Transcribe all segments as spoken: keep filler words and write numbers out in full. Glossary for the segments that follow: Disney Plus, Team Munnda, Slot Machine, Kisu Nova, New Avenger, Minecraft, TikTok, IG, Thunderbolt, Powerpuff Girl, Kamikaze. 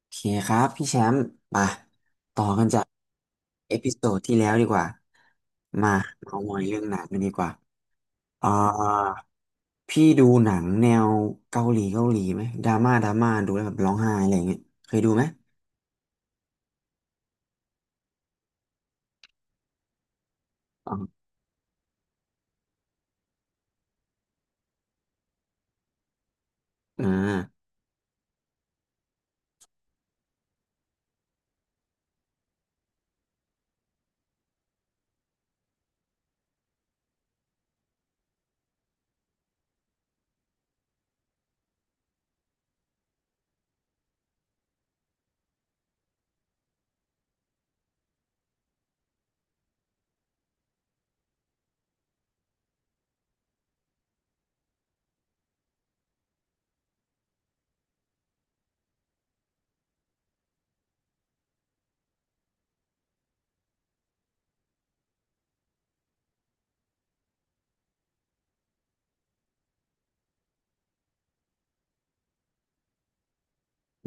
โอเคครับพี่แชมป์มาต่อกันจากเอพิโซดที่แล้วดีกว่ามาเอามอยเรื่องหนังกันดีกว่าอ่าพี่ดูหนังแนวเกาหลีเกาหลีไหมดราม่าดราม่าดูแล้วแบบร้องไห้อะไรอย่างเงี้ยเคยดูไหมอ๋ออ่า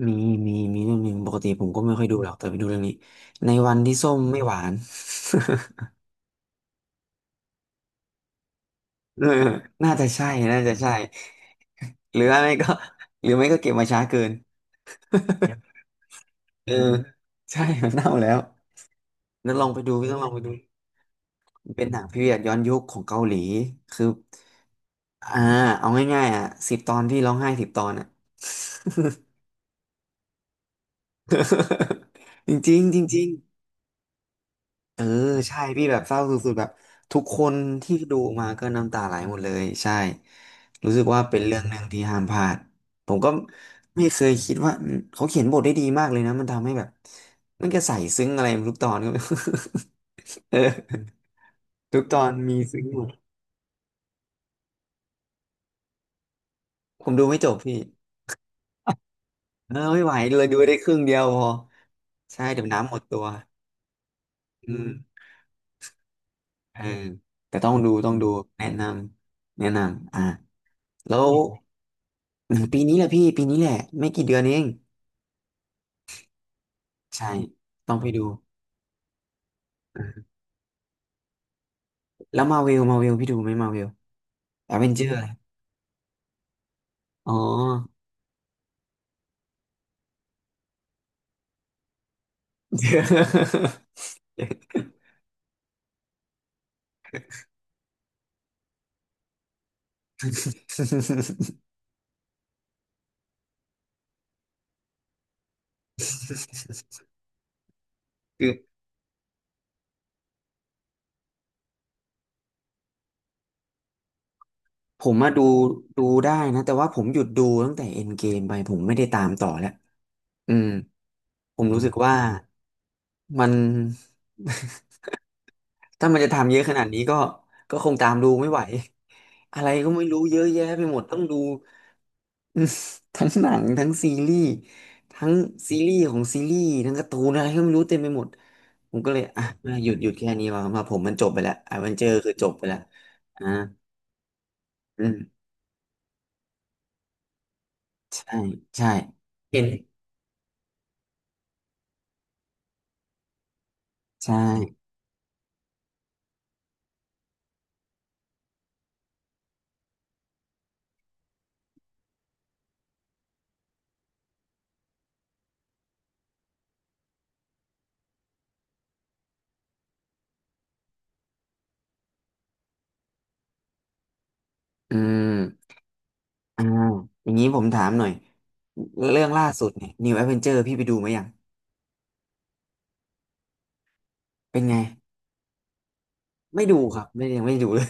มีมีมีเรื่องหนึ่งปกติผมก็ไม่ค่อยดูหรอกแต่ไปดูเรื่องนี้ในวันที่ส้มไม่หวาน เออน่าจะใช่น่าจะใช่ หรือไม่ก็หรือไม่ก็เก็บมาช้าเกินเออใช่ มันเน่าแล้ว แล้วลองไปดูพี่ต้องลองไปดู เป็นหนังพีเรียดย้อนยุคของเกาหลี คืออ่าเอาง่ายๆอ่ะสิบตอนพี่ร้องไห้สิบตอนอ่ะ จริงๆจริงๆเออใช่พี่แบบเศร้าสุดๆแบบทุกคนที่ดูมาก็น้ำตาไหลหมดเลยใช่ รู้สึกว่าเป็นเรื่องหนึ่งที่ห้ามพลาดผมก็ไม่เคยคิดว่าอืมเขาเขียนบทได้ดีมากเลยนะมันทำให้แบบมันก็ใส่ซึ้งอะไรทุกตอนก็ไม่ เออทุกตอนมีซึ้งหมดผมดูไม่จบพี่ เออไม่ไหวเลยดูได้ครึ่งเดียวพอใช่เดี๋ยวน้ำหมดตัวอืมเออแต่ต้องดูต้องดูแนะนำแนะนำอ่ะแล้วอืม ปีนี้แหละพี่ปีนี้แหละไม่กี่เดือนเองใช่ต้องไปดูอ่ะแล้วมาเวลมาเวลพี่ดูไหมมาเวลแอเวนเจอร์อ๋อ คือ ผมมาดูดูได้นะแต่ว่าผมหยุดดูตั้งแต่เอ็นเกมไปผมไม่ได้ตามต่อแล้วอืมผมรู้สึกว่ามันถ้ามันจะทำเยอะขนาดนี้ก็ก็คงตามดูไม่ไหว อะไรก็ไม่รู้เยอะแยะไปหมดต้องดู อืมทั้งหนังทั้งซีรีส์ทั้งซีรีส์ของซีรีส์ทั้งการ์ตูนอะไรก็ไม่รู้เต็มไปหมดผมก็เลยอ่ะหยุดหยุดแค่นี้ว่ามาผมมันจบไปแล้วอเวนเจอร์คือจบไปแล้วอ่าอืมใช่ใช่เห็นใช่ อืมอ่าอย่างนี้ผมถามหน่อยเรื่องล่าสุดเนี่ย New Avenger พี่ไปดูไหมยังเป็นไงไม่ดูครับไม่ยังไม่ดูเลย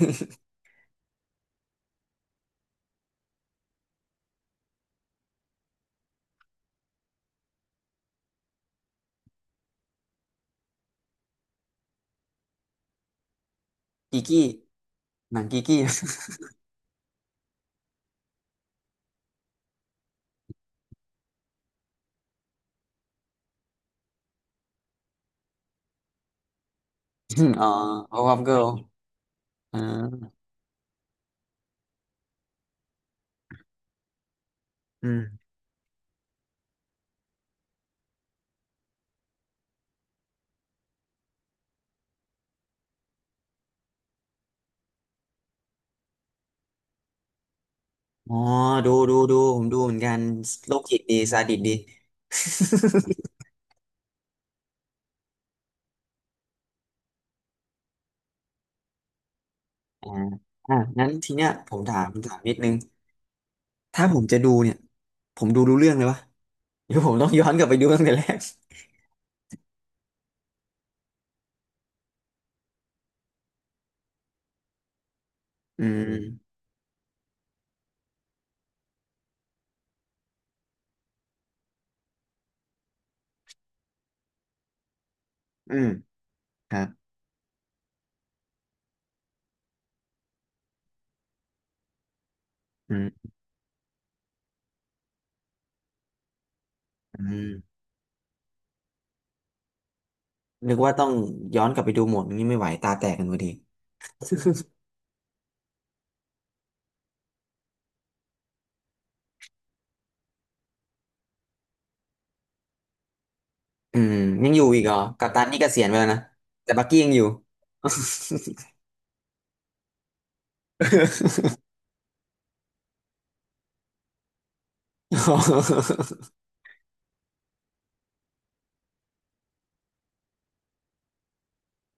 กีกี้หนังกีกี้ อ๋อ Powerpuff Girl อ่าอืมอ๋อดูดูดูผมดูเหมือนกันโรคจิตดีซาดิสดี อ่าอ่ะงั้นทีเนี้ยผมถามถามนิดนึงถ้าผมจะดูเนี่ยผมดูรู้เรื่องเลยวะเดี๋ยวผมต้องย้อนกลับไปดูตั้งแต่แรกอืมอืมครับอืมอืม นึกว่าต้องย้อนกลับไปดูหมดนี้ไม่ไหวตาแตกกันพอดีอืมยังอยู่อีกเหรอกัปตันนี่เกษียณไปแล้วนะแต่บักกี้ยังอยู่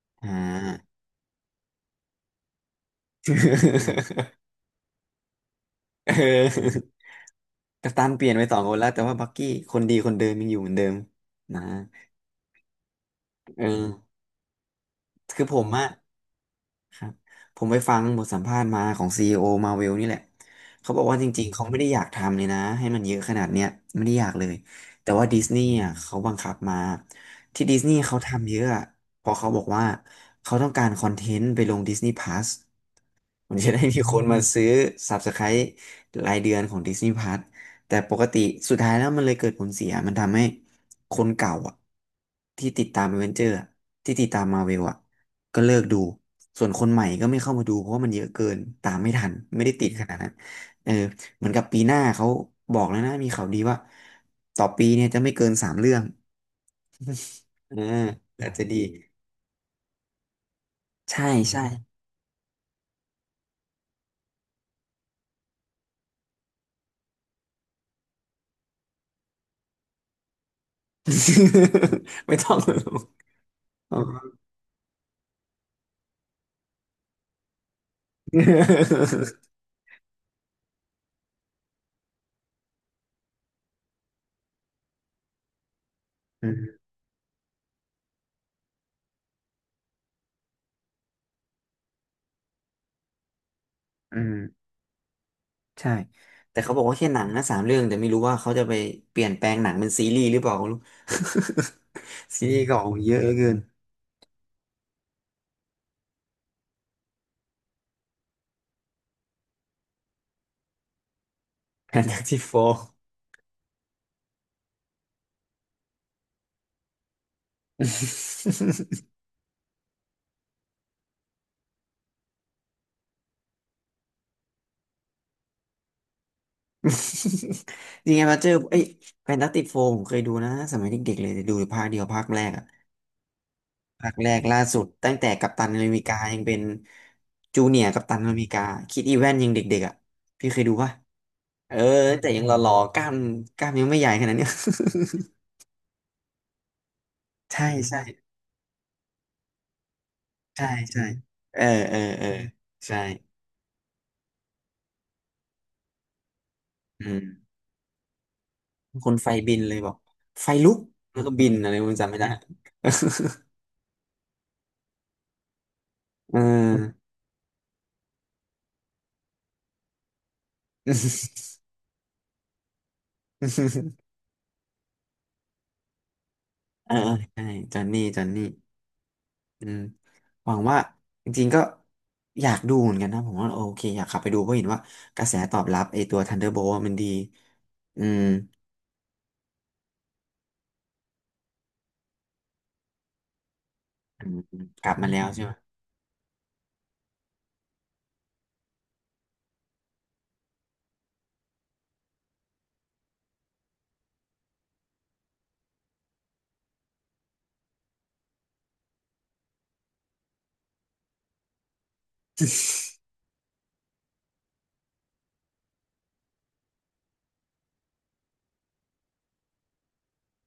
อ่า เออกัปตันเปลี่ยนไปสองคนแล้วแต่ว่าบักกี้คนดีคนเดิมยังอยู่เหมือนเดิมนะเออคือผมอะ ครับผมไปฟังบทสัมภาษณ์มาของ ซี อี โอ Marvel นี่แหละเขาบอกว่าจริงๆเขาไม่ได้อยากทำเลยนะให้มันเยอะขนาดเนี้ยไม่ได้อยากเลยแต่ว่าดิสนีย์อ่ะเขาบังคับมาที่ดิสนีย์เขาทำเยอะอะเพราะเขาบอกว่าเขาต้องการคอนเทนต์ไปลง Disney Plus มันจะได้มีคนมาซื้อ Subscribe รายเดือนของ Disney Plus แต่ปกติสุดท้ายแล้วมันเลยเกิดผลเสียมันทำให้คนเก่าอ่ะที่ติดตาม a v e n เจอร์ที่ติดตามมาเวลอ่ะ ก็เลิกดู ส่วนคนใหม่ก็ไม่เข้ามาดูเพราะว่ามันเยอะเกินตามไม่ทันไม่ได้ติดขนาดนั้นเออเหมือนกับปีหน้าเขาบอกแล้วนะมีข่าวดีว่าต่อปีเนี่ยจะไม่เกินสามเรื่องเอออาจจะดีใช่ใช่ ไม่ต้องหรออ๋ ออืมอืมใช่แต่เขาบอกว่าแค่หนังนะสามเรื่องแต่ไม่รู้ว่าเขาจะไปเปลี่ยนแปลงหนังเป็นซีรีส์หรือเปล่าไม่รู้ ซีรีส์ก็ออกเยอะเหลือเกินแฟนตาซีโฟร์ ยังไงมาเจอเอ้ยแฟนตาติกโฟผมเคยดูนะสมัยเด็กๆเลยแต่ดูภาคเดียวภาคแรกอะภาคแรกล่าสุดตั้งแต่กัปตันอเมริกายังเป็นจูเนียร์กัปตันอเมริกาคิดอีแวนยังเด็กๆอ่ะพี่เคยดูปะเออแต่ยังหล่อๆกล้ามกล้ามยังไม่ใหญ่ขนาดเนี้ย ใช่ใช่ใช่ใช่เออเออเออใช่อืมคนไฟบินเลยบอกไฟลุกแล้วก็บินอะไรมันจำไม่ได้ เออ เออเออใช่จอนนี่จอนนี่อืมหวังว่าจริงๆก็อยากดูเหมือนกันนะผมว่าโอเคอยากกลับไปดูเพราะเห็นว่ากระแสตอบรับไอตัว Thunderbolt มันดีอืมอืมกลับมาแล้วใช่ไหม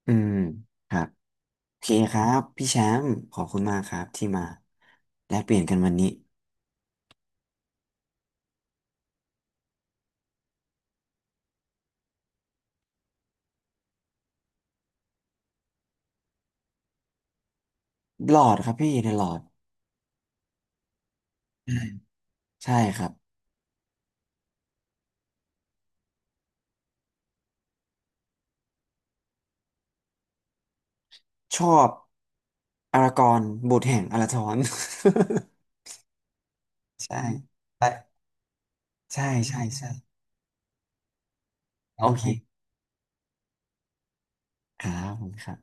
อืมครับโอเคครับพี่แชมป์ขอบคุณมากครับที่มาแลกเปลี่ยนกันวันนี้หลอดครับพี่ในหลอดอืมใช่ครับชอบอารากอนบุตรแห่งอาราธอน ใช่ใช่ใช่ใช่ใช่โอเค อ่าขอบคุณครับ